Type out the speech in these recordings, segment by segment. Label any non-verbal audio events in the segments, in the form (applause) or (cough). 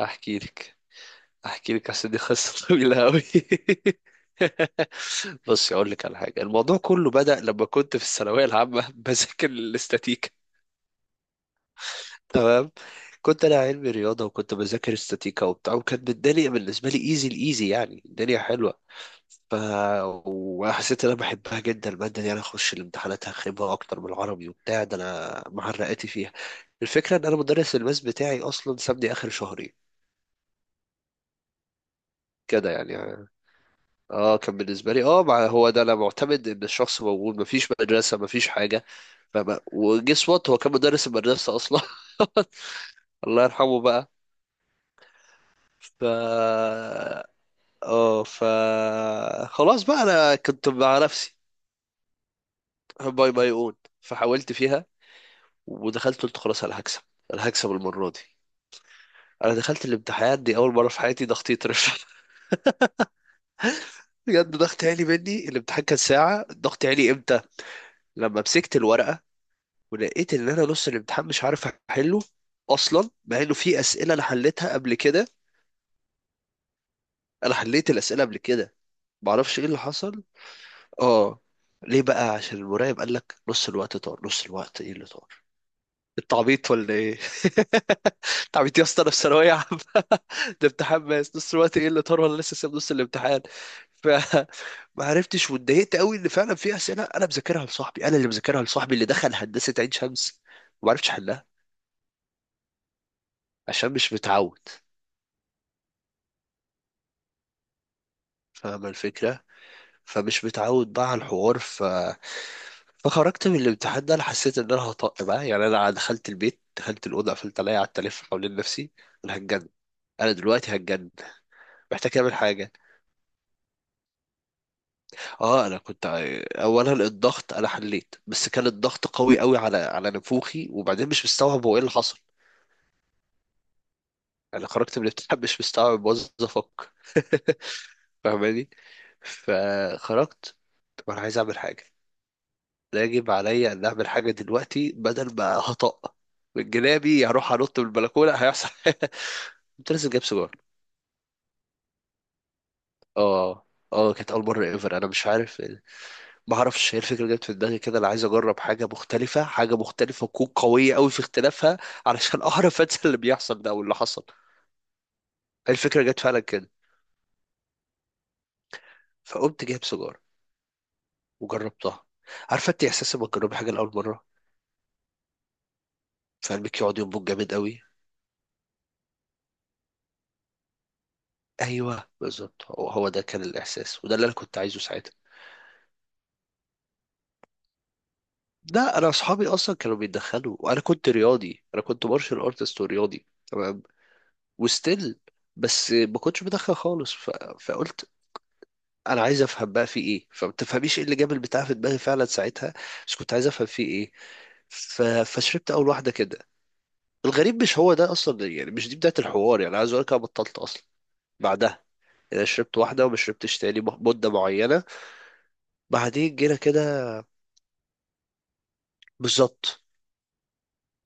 احكي لك احكي لك. اصل دي قصه (laughs) طويله قوي. بص اقول لك على حاجه، الموضوع كله بدأ لما كنت في الثانويه العامه (laughs) بذاكر الاستاتيكا. تمام. كنت انا علمي رياضه، وكنت بذاكر استاتيكا وبتاع، وكانت الدنيا بالنسبه لي ايزي الايزي، يعني الدنيا حلوه. ف وحسيت ان انا بحبها جدا الماده دي، انا اخش الامتحانات هخيبها اكتر من العربي وبتاع ده، انا معرقاتي فيها. الفكره ان انا مدرس الماس بتاعي اصلا سابني اخر شهرين. كده يعني. اه كان بالنسبه لي، مع هو ده انا معتمد ان الشخص موجود، مفيش مدرسه مفيش حاجه. فما وجس وات، هو كان مدرس المدرسه اصلا (laughs) الله يرحمه بقى. ف اه ف خلاص بقى انا كنت مع نفسي. باي باي اون. فحاولت فيها، ودخلت قلت خلاص انا هكسب. انا هكسب المره دي. انا دخلت الامتحان، دي اول مره في حياتي ضغطي يترفع (laughs) بجد ضغط عالي. مني الامتحان كان ساعه الضغط عالي امتى؟ لما مسكت الورقه، ولقيت ان انا نص الامتحان مش عارف احله، اصلا مع انه في اسئله انا حليتها قبل كده. انا حليت الاسئله قبل كده. معرفش ايه اللي حصل. اه ليه بقى؟ عشان المراقب قال لك نص الوقت طار؟ نص الوقت ايه اللي طار؟ التعبيط ولا ايه؟ (laughs) تعبيط يا اسطى، انا في ثانويه عامه (laughs) ده امتحان ماس. نص الوقت ايه اللي طار ولا لسه ساب نص الامتحان؟ فما (laughs) عرفتش، واتضايقت قوي ان فعلا في اسئله انا مذاكرها لصاحبي، انا اللي مذاكرها لصاحبي اللي دخل هندسه عين شمس، وما عرفتش احلها عشان مش متعود. فاهم الفكرة؟ فمش متعود بقى على الحوار. فخرجت من الامتحان ده، انا حسيت ان انا هطق بقى يعني. انا دخلت البيت، دخلت الاوضه، قفلت عليا، قعدت الف حوالين نفسي. انا هتجنن. انا دلوقتي هتجنن. محتاج اعمل حاجه. اه انا كنت، اولا الضغط انا حليت، بس كان الضغط قوي قوي على نفوخي، وبعدين مش مستوعب هو ايه اللي حصل. انا خرجت من الامتحان (laughs) مش مستوعب، باظ افكر. (laughs) فاهماني؟ فخرجت. طب انا عايز اعمل حاجه. لا، يجب عليا ان اعمل حاجه دلوقتي بدل ما هطق من جنابي، هروح انط من البلكونه هيحصل (laughs) كنت لسه جايب سجار. اه اه كانت اول مره ايفر، انا مش عارف. ما اعرفش، هي الفكره جت في دماغي كده، انا عايز اجرب حاجه مختلفه، حاجه مختلفه وتكون قويه قوي في اختلافها، علشان (laughs) اعرف انسى اللي بيحصل ده، او اللي حصل. الفكره جت فعلا كده. فقمت جايب سجار، وجربتها. عارفه انت احساس لما تجربي حاجه لاول مره؟ فقلبك يقعد ينبض جامد قوي. ايوه بالظبط، هو هو ده كان الاحساس، وده اللي انا كنت عايزه ساعتها. لا، انا اصحابي اصلا كانوا بيتدخلوا، وانا كنت رياضي، انا كنت مارشال ارتست ورياضي. تمام. وستيل. بس ما كنتش بدخل خالص. فقلت انا عايز افهم بقى في ايه، فما تفهميش ايه اللي جاب البتاع في دماغي فعلا ساعتها. بس كنت عايز افهم في ايه. فشربت اول واحده كده. الغريب مش هو ده اصلا، يعني مش دي بدايه الحوار، يعني عايز اقول لك انا بطلت اصلا بعدها. يعني شربت واحده وما شربتش تاني مده معينه. بعدين جينا كده. بالظبط.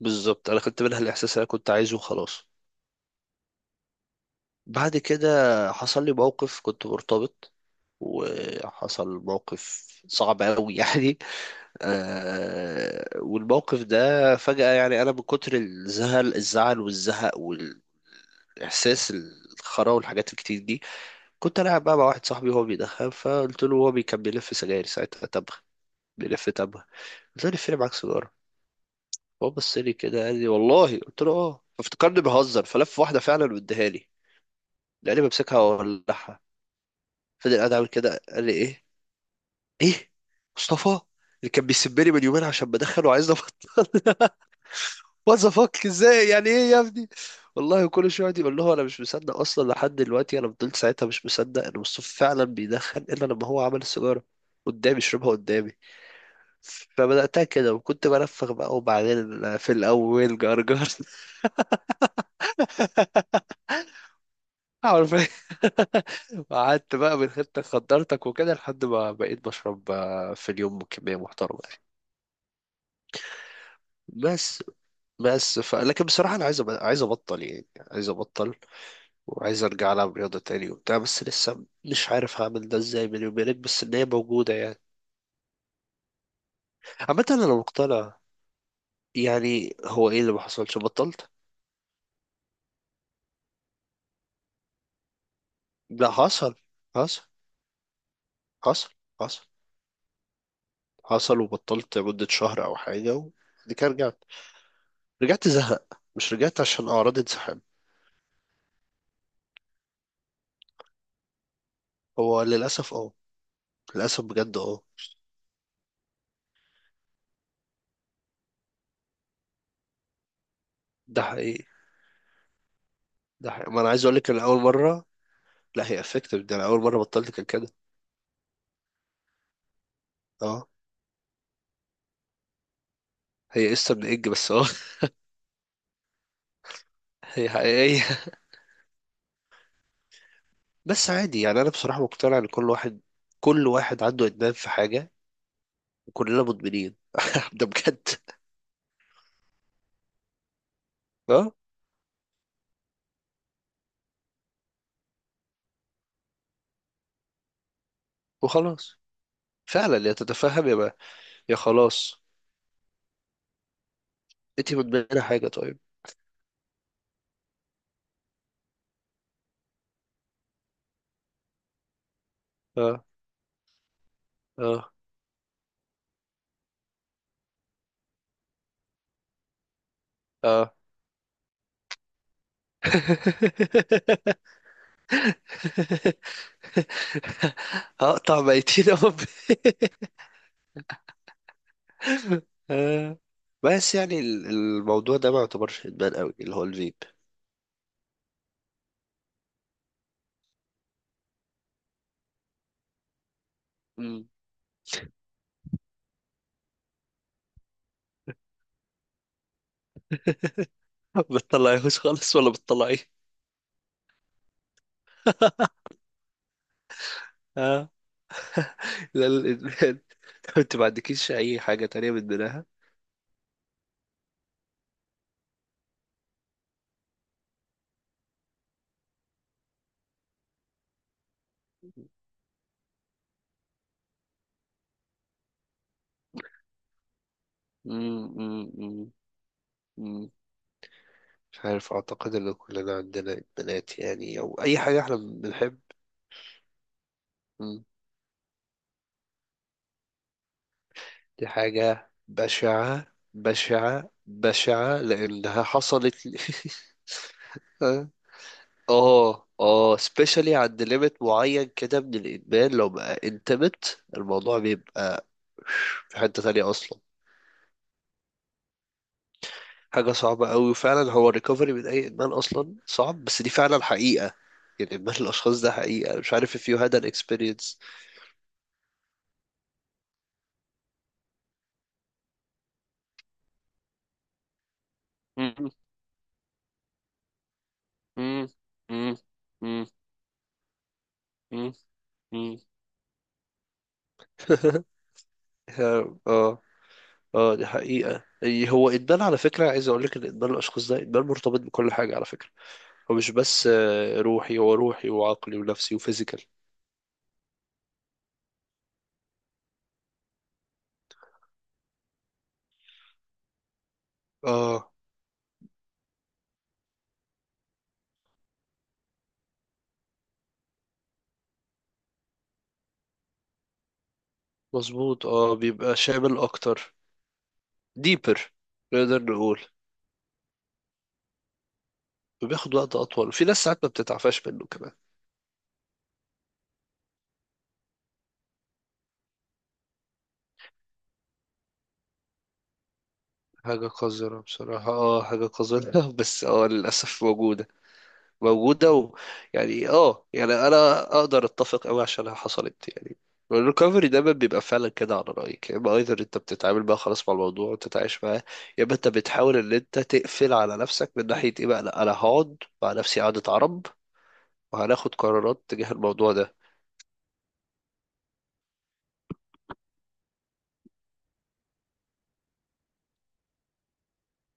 بالظبط، انا خدت منها الاحساس اللي انا كنت عايزه وخلاص. بعد كده حصل لي موقف، كنت مرتبط، وحصل موقف صعب قوي (laughs) يعني. آه، والموقف ده فجأة، يعني انا من كتر الزعل والزهق والاحساس الخرا والحاجات الكتير دي، كنت العب بقى مع واحد صاحبي وهو بيدخن، فقلت له هو كان بيلف سجاير ساعتها تبغ. بيلف تبغ. قلت له لفني معاك سيجارة. هو بص لي كده، قال لي والله؟ قلت له اه. فافتكرني بهزر، فلف واحدة فعلا واداها لي، لاني بمسكها واولعها. فضل قاعد عامل كده، قال لي ايه؟ ايه مصطفى؟ اللي كان بيسبني من يومين عشان بدخله، عايز نبط؟ وات ذا فاك، ازاي؟ يعني ايه يا ابني؟ والله كل شويه يقعد يقول له، انا مش مصدق اصلا لحد دلوقتي. انا فضلت ساعتها مش مصدق ان مصطفى فعلا بيدخن، الا لما هو عمل السيجاره قدامي، شربها قدامي. فبدأتها كده وكنت بنفخ بقى، وبعدين في الأول جرجر (laughs) عارف؟ (laughs) وقعدت بقى من غير تخدرتك وكده، لحد ما بقيت بشرب في اليوم كمية محترمة. بس بس. لكن بصراحة أنا عايز عايز أبطل يعني. عاز أبطل. وعايز أرجع ألعب رياضة تاني وبتاع، بس لسه مش عارف هعمل ده إزاي. بيني وبينك، بس إن هي موجودة يعني. عامة أنا مقتنع. يعني هو إيه اللي ما حصلش بطلت؟ لا حصل. حصل حصل حصل حصل، وبطلت مدة شهر أو حاجة، وبعد كده رجعت. رجعت زهق، مش رجعت عشان أعراض انسحاب. هو للأسف أه، للأسف بجد أه. ده حقيقي. ده حقيقي، ما أنا عايز أقولك إن أول مرة، لا هي افكتيف، ده انا اول مره بطلت كان كده. اه. هي قصه من اج بس، (laughs) هي حقيقيه. بس عادي يعني، انا بصراحه مقتنع ان كل واحد عنده ادمان في حاجه. وكلنا مدمنين (laughs) ده بجد. اه. وخلاص. فعلا يا تتفهم يا ما، يا خلاص. انت مدمنه حاجه طيب؟ اه، اه، اه، (laughs) هقطع ميتين أمي (laughs) آه، بس يعني الموضوع ده ما يعتبرش ادمان قوي اللي هو الفيب. مم. (laughs) بتطلعيهوش خالص ولا بتطلعيه؟ (laughs) آه، لا الادمان. (laughs) طب انت ما عندكيش اي حاجه تانية بتدمنها؟ مم. مم. مم. مم. مش عارف، اعتقد ان كلنا عندنا ادمانات، يعني او اي حاجه احنا بنحب. مم. دي حاجه بشعه، بشعه بشعه لانها حصلت لي. (laughs) اه، اه، سبيشالي عند ليميت معين كده من الادمان، لو بقى انتمت الموضوع بيبقى في حتة تانية اصلا. حاجة صعبة قوي، وفعلا هو الريكفري من اي ادمان اصلا صعب، بس دي فعلا حقيقة. يعني ادمان الاشخاص ده حقيقة. مش عارف if you had an experience. مم، مم، مم، مم، مم، مم. (laughs) اه، اه، دي حقيقة، يعني هو ادمان، على فكرة عايز اقول لك ان ادمان الاشخاص ده ادمان مرتبط بكل حاجة على فكرة. هو مش بس روحي، هو روحي وعقلي ونفسي وفيزيكال. اه مظبوط، بيبقى شامل اكتر. ديبر، نقدر نقول. وبياخد وقت اطول، في ناس ساعات ما بتتعفاش منه كمان. حاجة قذرة بصراحة، حاجة قذرة (laughs) بس للأسف موجودة. موجودة. يعني يعني انا اقدر اتفق قوي عشانها حصلت يعني. الريكفري دايما بيبقى فعلا كده على رأيك، يا اما ايذر انت بتتعامل بقى خلاص مع الموضوع وتتعايش معاه، يا اما انت بتحاول ان انت تقفل على نفسك من ناحية ايه بقى، لا انا هقعد مع نفسي قعدة عرب، وهناخد قرارات تجاه الموضوع ده.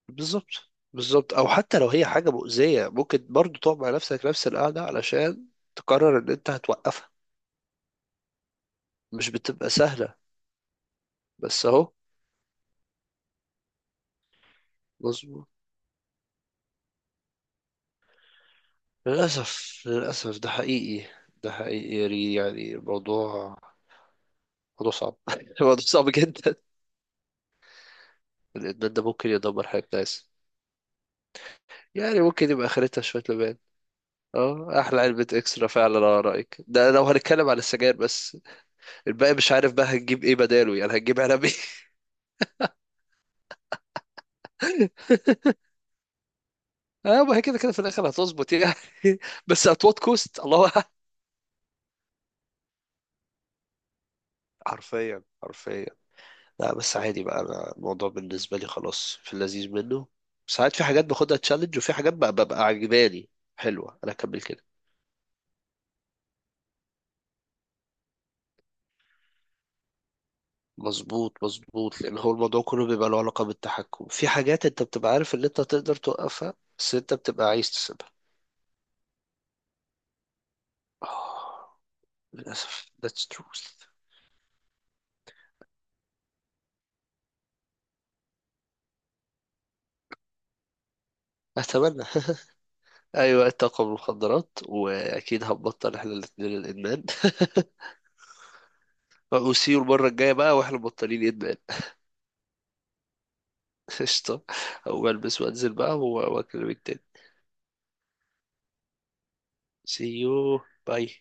بالظبط. بالظبط، او حتى لو هي حاجة مؤذية، ممكن برضو تقعد مع نفسك نفس القعدة علشان تقرر ان انت هتوقفها. مش بتبقى سهلة، بس اهو. مظبوط. للأسف، للأسف، ده حقيقي. ده حقيقي يا ري. يعني الموضوع موضوع صعب (laughs) الموضوع صعب جدا. الإدمان ده ممكن يدمر حياة ناس. يعني ممكن يبقى آخرتها شوية لبان. اه، أحلى علبة إكسترا فعلا على رأيك، ده لو هنتكلم على السجاير بس. الباقي مش عارف بقى هنجيب إيه بداله، يعني هنجيب علب إيه؟ (laughs) اه، ما هي كده كده في الآخر هتظبط يعني. (laughs) بس at what cost، الله أعلم. حرفيا، حرفيا. لا بس عادي بقى، انا الموضوع بالنسبه لي خلاص في اللذيذ منه. ساعات في حاجات باخدها تشالنج، وفي حاجات بقى ببقى عجباني حلوه، انا اكمل كده. مظبوط، مظبوط، لان هو الموضوع كله بيبقى له علاقه بالتحكم في حاجات انت بتبقى عارف ان انت تقدر توقفها، بس انت بتبقى عايز تسيبها. آه، للاسف that's truth. اتمنى (laughs) ايوه الطاقه من المخدرات، واكيد هنبطل احنا الاثنين الادمان (laughs) وسيو المره الجايه بقى واحنا مبطلين ادمان. (laughs) قشطه. او بلبس وانزل بقى واكلمك تاني. See you. Bye.